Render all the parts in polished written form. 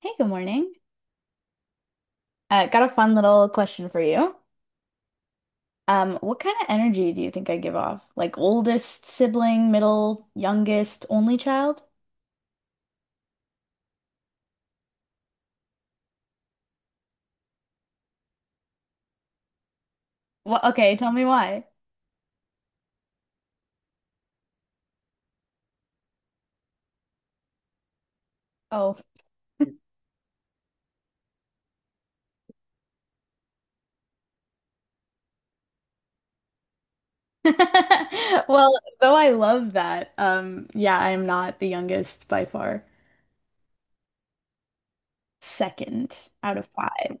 Hey, good morning. Got a fun little question for you. What kind of energy do you think I give off? Like oldest sibling, middle, youngest, only child? Well, okay, tell me why. Oh. Well, though I love that, yeah, I am not the youngest by far. Second out of five.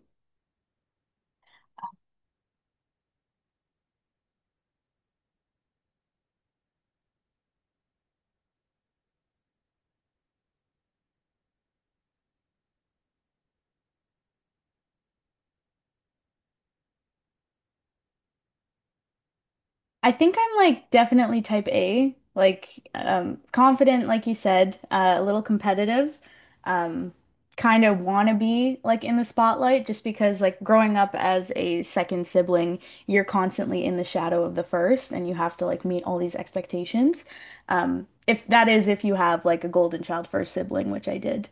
I think I'm like definitely type A, like confident, like you said, a little competitive, um, kind of wanna be like in the spotlight just because like growing up as a second sibling, you're constantly in the shadow of the first and you have to like meet all these expectations. If that is if you have like a golden child first sibling, which I did.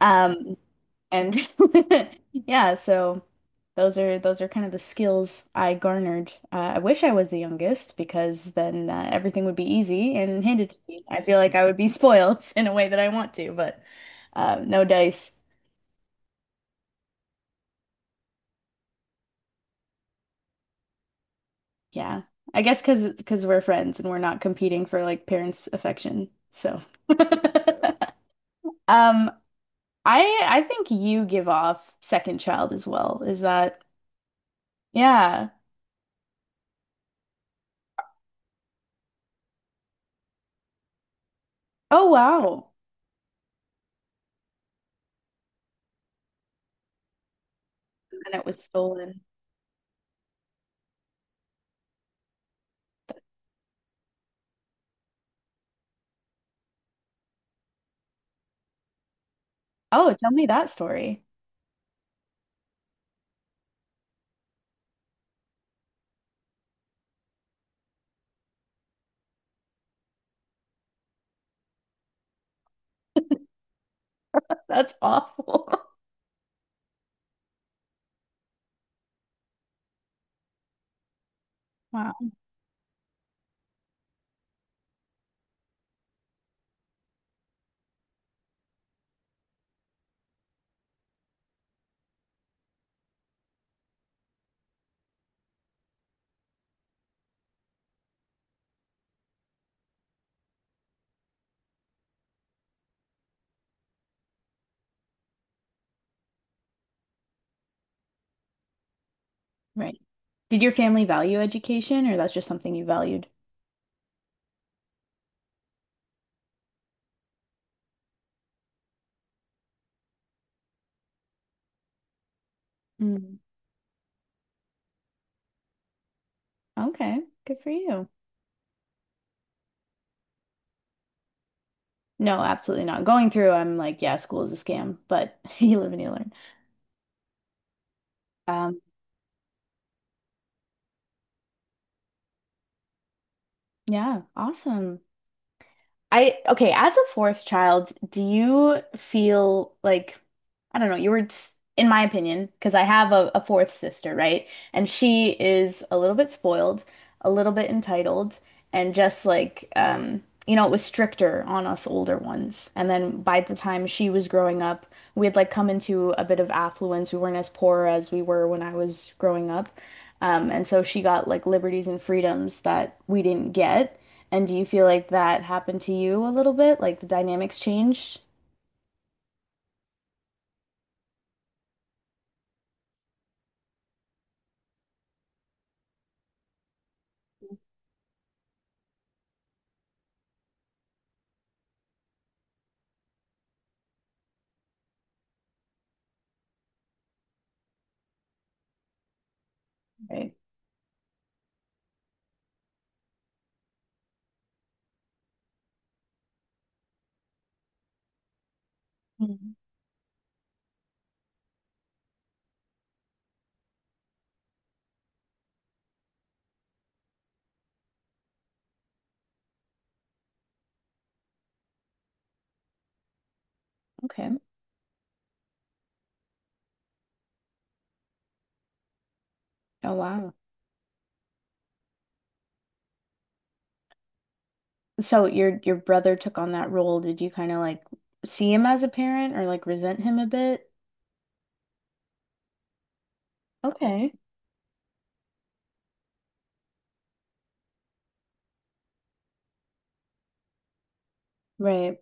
Um, and yeah, so those are kind of the skills I garnered. I wish I was the youngest because then everything would be easy and handed to me. I feel like I would be spoiled in a way that I want to, but no dice. Yeah, I guess because we're friends and we're not competing for like parents' affection. So, um, I think you give off second child as well. Is that yeah? Oh wow, and it was stolen. Oh, tell me that story. That's awful. Wow. Right. Did your family value education or that's just something you valued? Mm. Okay. Good for you. No, absolutely not. Going through, I'm like, yeah, school is a scam, but you live and you learn. Um, yeah, awesome. I Okay, as a fourth child, do you feel like I don't know, you were in my opinion, because I have a fourth sister, right? And she is a little bit spoiled, a little bit entitled, and just like you know, it was stricter on us older ones. And then by the time she was growing up, we had like come into a bit of affluence. We weren't as poor as we were when I was growing up. And so she got like liberties and freedoms that we didn't get. And do you feel like that happened to you a little bit? Like the dynamics changed? Mhm. Okay. Oh, wow. So your brother took on that role. Did you kind of like see him as a parent or like resent him a bit? Okay. Right.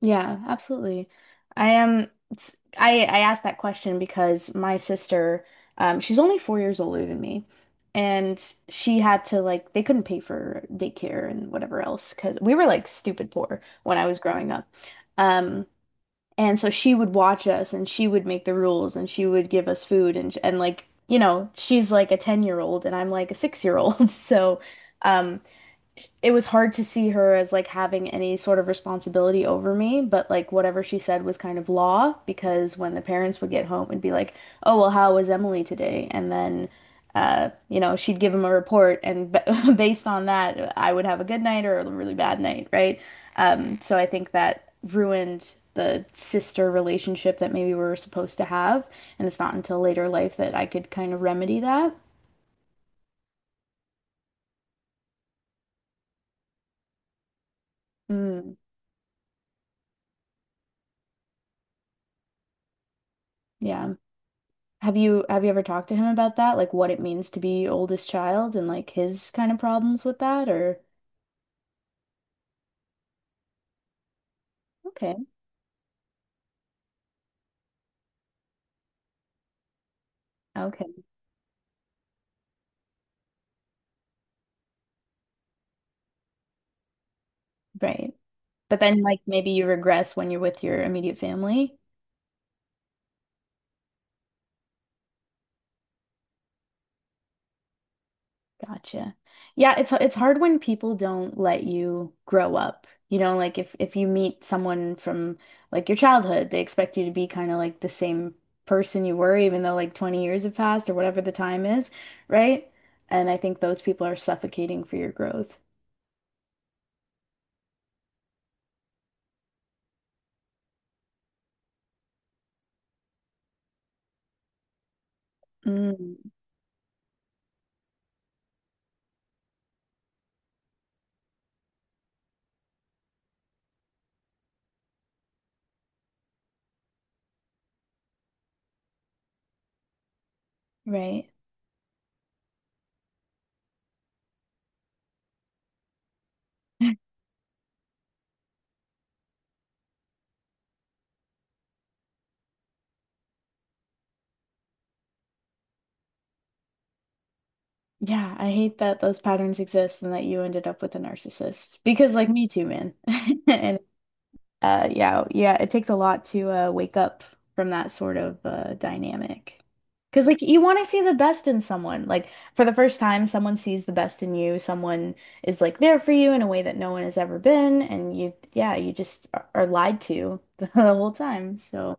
Yeah, absolutely. I am it's, I asked that question because my sister, she's only 4 years older than me. And she had to like they couldn't pay for daycare and whatever else because we were like stupid poor when I was growing up. Um, And so she would watch us and she would make the rules and she would give us food and like, you know, she's like a 10-year-old and I'm like a 6-year-old. So, um it was hard to see her as like having any sort of responsibility over me, but like whatever she said was kind of law because when the parents would get home and be like, "Oh, well, how was Emily today?" And then you know, she'd give them a report and b based on that, I would have a good night or a really bad night, right? So I think that ruined the sister relationship that maybe we were supposed to have, and it's not until later life that I could kind of remedy that. Mm, yeah. Have you ever talked to him about that? Like what it means to be oldest child and like his kind of problems with that or okay. Okay. Right. But then like maybe you regress when you're with your immediate family. Gotcha. Yeah, it's hard when people don't let you grow up. You know, like if you meet someone from like your childhood, they expect you to be kind of like the same person you were even though like 20 years have passed or whatever the time is, right? And I think those people are suffocating for your growth. Mm. Right. Yeah, I hate that those patterns exist and that you ended up with a narcissist. Because like me too, man. And yeah, yeah, it takes a lot to wake up from that sort of dynamic. 'Cause like you want to see the best in someone. Like for the first time, someone sees the best in you. Someone is like there for you in a way that no one has ever been and you yeah, you just are lied to the whole time. So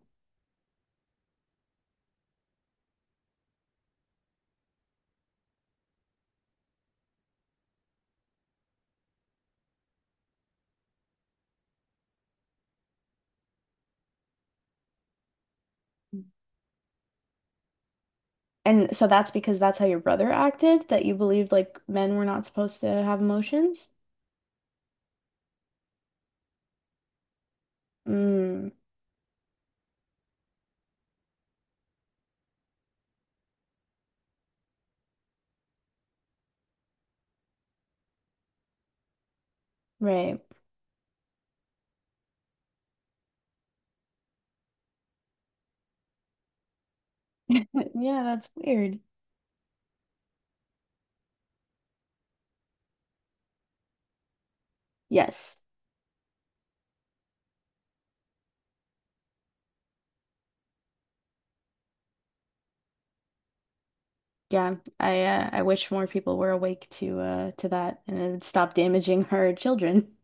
and so that's because that's how your brother acted, that you believed like men were not supposed to have emotions? Mm, right. Yeah, that's weird. Yes. Yeah. I wish more people were awake to that and it would stop damaging her children.